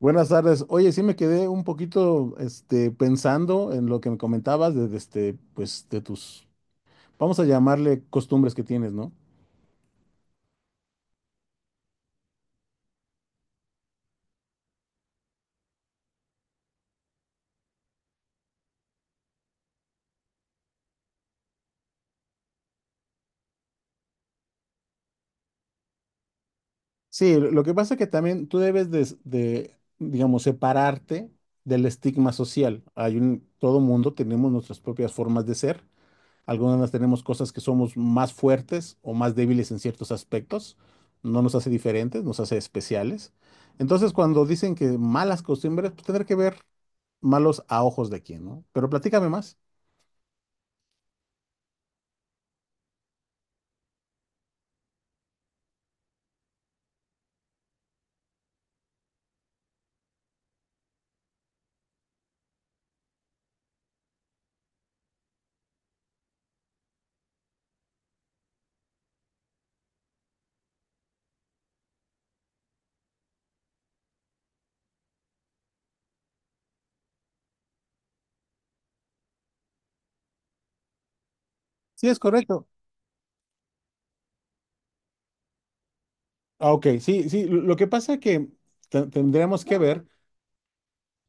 Buenas tardes. Oye, sí me quedé un poquito, pensando en lo que me comentabas de de tus, vamos a llamarle costumbres que tienes, ¿no? Sí, lo que pasa es que también tú debes de, digamos, separarte del estigma social. Todo mundo tenemos nuestras propias formas de ser. Algunas tenemos cosas que somos más fuertes o más débiles en ciertos aspectos. No nos hace diferentes, nos hace especiales. Entonces, cuando dicen que malas costumbres, pues tendrá que ver malos a ojos de quién, ¿no? Pero platícame más. Sí, es correcto. Ah, ok, sí, sí. Lo que pasa que tendremos que ver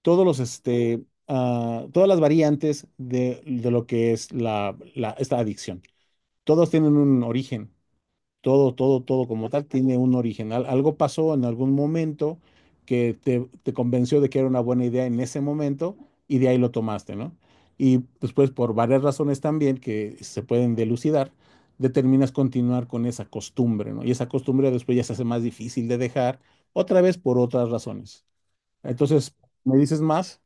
todos los, todas las variantes de lo que es esta adicción. Todos tienen un origen. Todo como tal tiene un original. Algo pasó en algún momento que te convenció de que era una buena idea en ese momento y de ahí lo tomaste, ¿no? Y después, por varias razones también que se pueden delucidar, determinas continuar con esa costumbre, ¿no? Y esa costumbre después ya se hace más difícil de dejar, otra vez por otras razones. Entonces, ¿me dices más?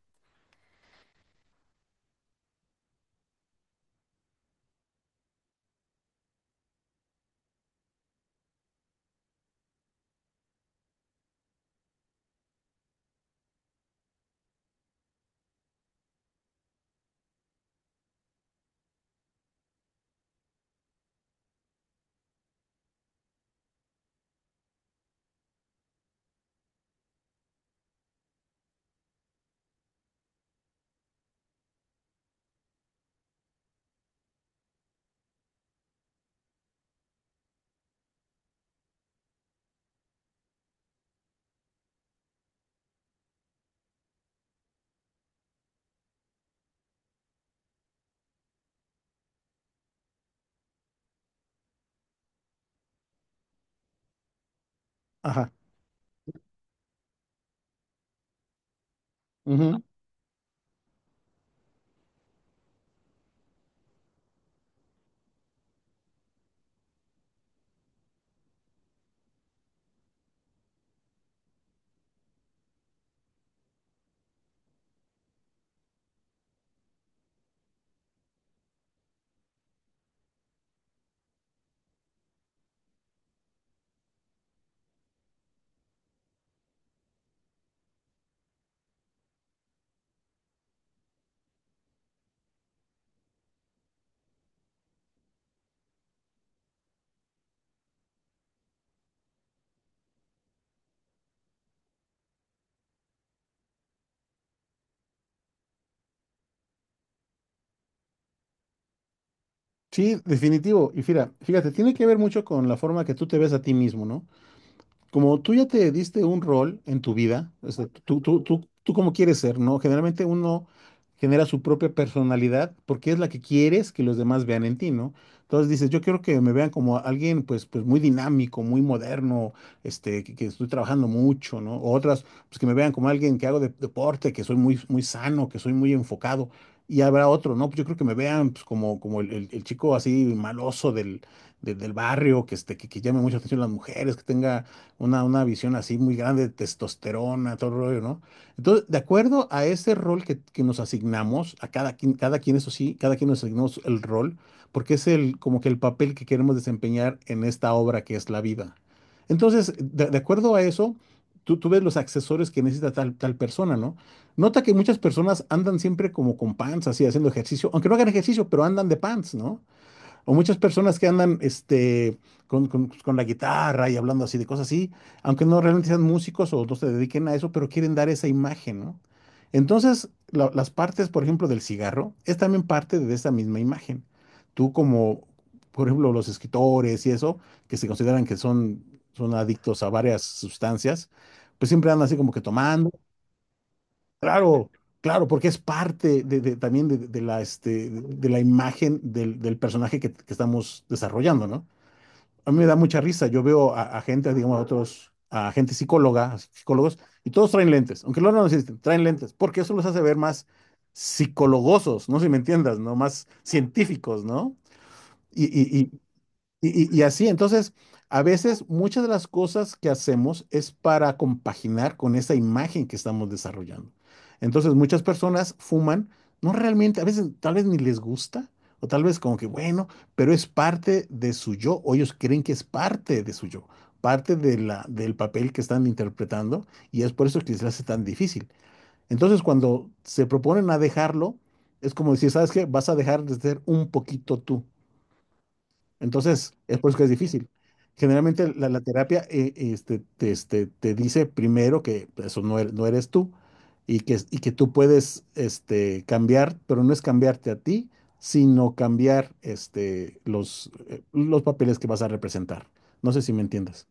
Ajá. Ujú. Sí, definitivo. Y fíjate, tiene que ver mucho con la forma que tú te ves a ti mismo, ¿no? Como tú ya te diste un rol en tu vida, o sea, tú cómo quieres ser, ¿no? Generalmente uno genera su propia personalidad porque es la que quieres que los demás vean en ti, ¿no? Entonces dices, yo quiero que me vean como alguien, pues muy dinámico, muy moderno, que estoy trabajando mucho, ¿no? O otras, pues que me vean como alguien que hago deporte, que soy muy, muy sano, que soy muy enfocado. Y habrá otro, ¿no? Pues yo creo que me vean pues, como, como el chico así maloso del barrio, que, que llame mucha atención a las mujeres, que tenga una visión así muy grande de testosterona, todo el rollo, ¿no? Entonces, de acuerdo a ese rol que nos asignamos, a cada quien, eso sí, cada quien nos asignamos el rol, porque es el, como que el papel que queremos desempeñar en esta obra que es la vida. Entonces, de acuerdo a eso, tú ves los accesorios que necesita tal persona, ¿no? Nota que muchas personas andan siempre como con pants, así, haciendo ejercicio, aunque no hagan ejercicio, pero andan de pants, ¿no? O muchas personas que andan con, con la guitarra y hablando así de cosas así, aunque no realmente sean músicos o no se dediquen a eso, pero quieren dar esa imagen, ¿no? Entonces, las partes, por ejemplo, del cigarro, es también parte de esa misma imagen. Tú como, por ejemplo, los escritores y eso, que se consideran que son, son adictos a varias sustancias, pues siempre andan así como que tomando. Claro, claro, porque es parte de- también de la, este, de la imagen del personaje que estamos desarrollando, ¿no? A mí me da mucha risa. Yo veo a gente, digamos, a otros, a gente psicóloga, a psicólogos, y todos traen lentes, aunque luego no lo necesiten, traen lentes, porque eso los hace ver más psicologosos, no sé si me entiendas, ¿no? Más científicos, ¿no? Y, y, y así, entonces, a veces muchas de las cosas que hacemos es para compaginar con esa imagen que estamos desarrollando. Entonces, muchas personas fuman, no realmente, a veces tal vez ni les gusta, o tal vez como que bueno, pero es parte de su yo, o ellos creen que es parte de su yo, parte de del papel que están interpretando, y es por eso que se les hace tan difícil. Entonces, cuando se proponen a dejarlo, es como decir, ¿sabes qué? Vas a dejar de ser un poquito tú, entonces, es por eso que es difícil. Generalmente la terapia te dice primero que eso no eres, no eres tú, y que tú puedes cambiar, pero no es cambiarte a ti, sino cambiar los papeles que vas a representar. No sé si me entiendes.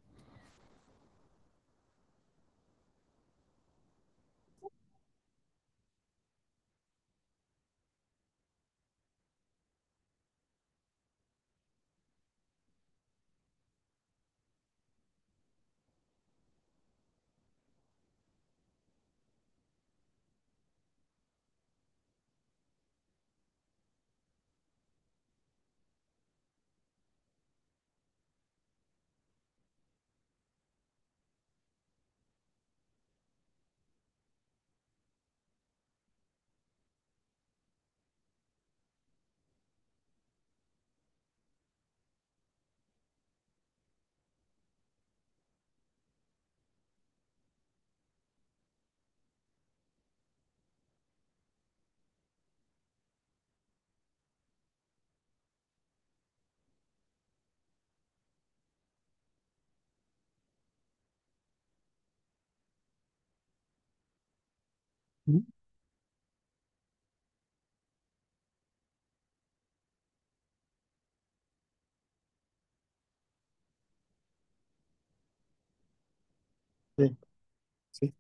Ujú. Sí, sí,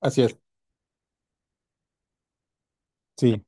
así es. Sí.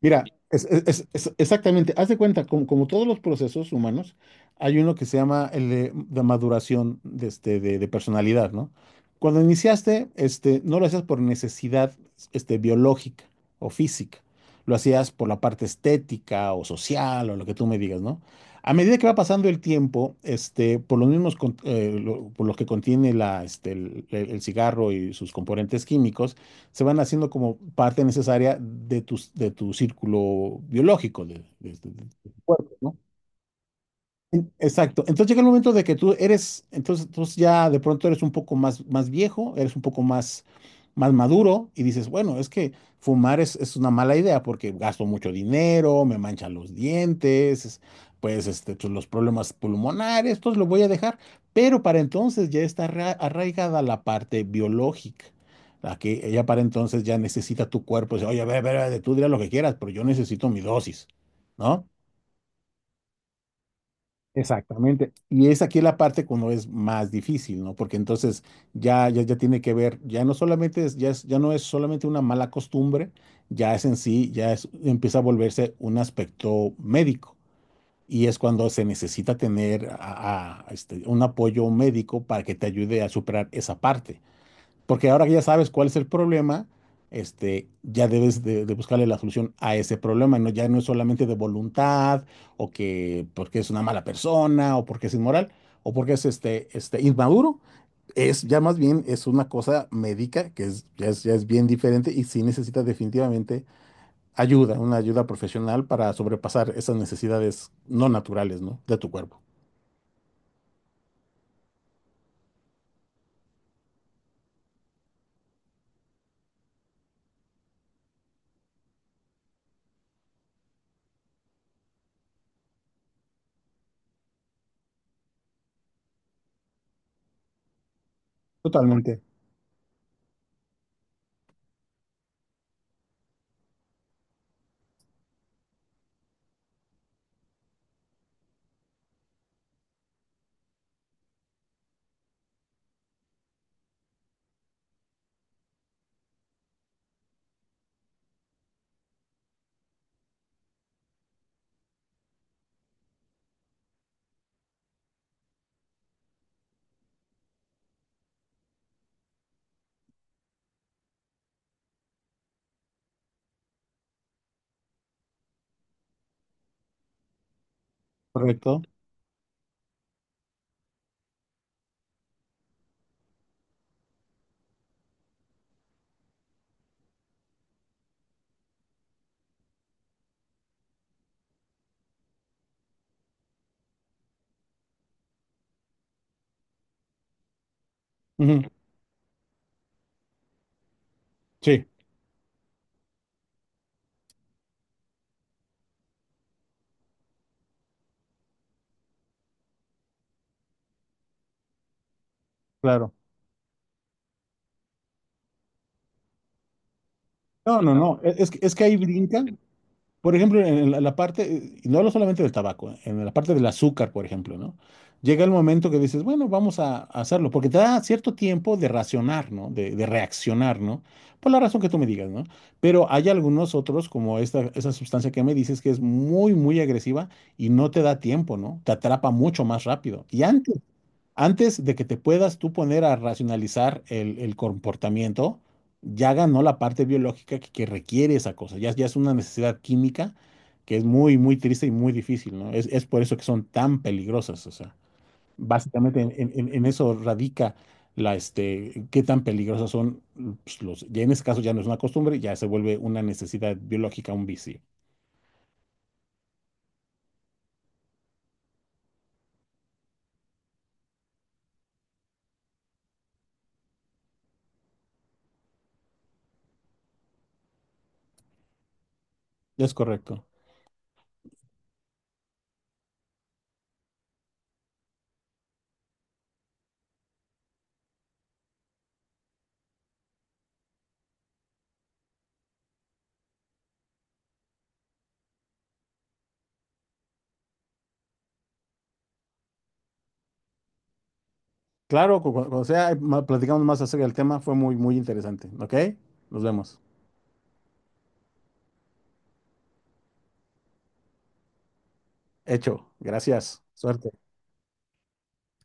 Mira, es, exactamente, haz de cuenta, como, como todos los procesos humanos, hay uno que se llama el de maduración de personalidad, ¿no? Cuando iniciaste, no lo hacías por necesidad, biológica o física, lo hacías por la parte estética o social o lo que tú me digas, ¿no? A medida que va pasando el tiempo, por los mismos, por los que contiene la, este, el cigarro y sus componentes químicos, se van haciendo como parte necesaria de tu círculo biológico, de tu cuerpo, ¿no? Exacto. Entonces llega el momento de que tú eres, entonces ya de pronto eres un poco más, más viejo, eres un poco más, más maduro y dices, bueno, es que fumar es una mala idea porque gasto mucho dinero, me manchan los dientes, pues pues, los problemas pulmonares, entonces lo voy a dejar. Pero para entonces ya está arraigada la parte biológica. La que ya para entonces ya necesita tu cuerpo, dice, oye, a ver, tú dirás lo que quieras, pero yo necesito mi dosis, ¿no? Exactamente. Y es aquí la parte cuando es más difícil, ¿no? Porque entonces ya tiene que ver, ya no solamente es, ya no es solamente una mala costumbre, ya es en sí, ya es, empieza a volverse un aspecto médico. Y es cuando se necesita tener un apoyo médico para que te ayude a superar esa parte. Porque ahora que ya sabes cuál es el problema, ya debes de buscarle la solución a ese problema. No, ya no es solamente de voluntad, o que porque es una mala persona, o porque es inmoral, o porque es inmaduro. Es ya más bien es una cosa médica que es, ya es bien diferente y sí necesita definitivamente ayuda, una ayuda profesional para sobrepasar esas necesidades no naturales, ¿no? De tu cuerpo. Totalmente, correcto. Ujú. Sí, claro. No, no, no. Es, es que ahí brincan. Por ejemplo, en la parte, y no hablo solamente del tabaco, en la parte del azúcar, por ejemplo, ¿no? Llega el momento que dices, bueno, a hacerlo, porque te da cierto tiempo de racionar, ¿no? De reaccionar, ¿no? Por la razón que tú me digas, ¿no? Pero hay algunos otros, como esta, esa sustancia que me dices, que es muy, muy agresiva y no te da tiempo, ¿no? Te atrapa mucho más rápido. Y antes de que te puedas tú poner a racionalizar el comportamiento, ya ganó la parte biológica que requiere esa cosa. Ya es una necesidad química que es muy, muy triste y muy difícil, ¿no? Es por eso que son tan peligrosas. O sea, básicamente en eso radica qué tan peligrosas son pues, los. Ya en ese caso ya no es una costumbre, ya se vuelve una necesidad biológica, un vicio. Es correcto. Claro, cuando sea, platicamos más acerca del tema, fue muy, muy interesante. ¿Ok? Nos vemos. Hecho. Gracias. Suerte.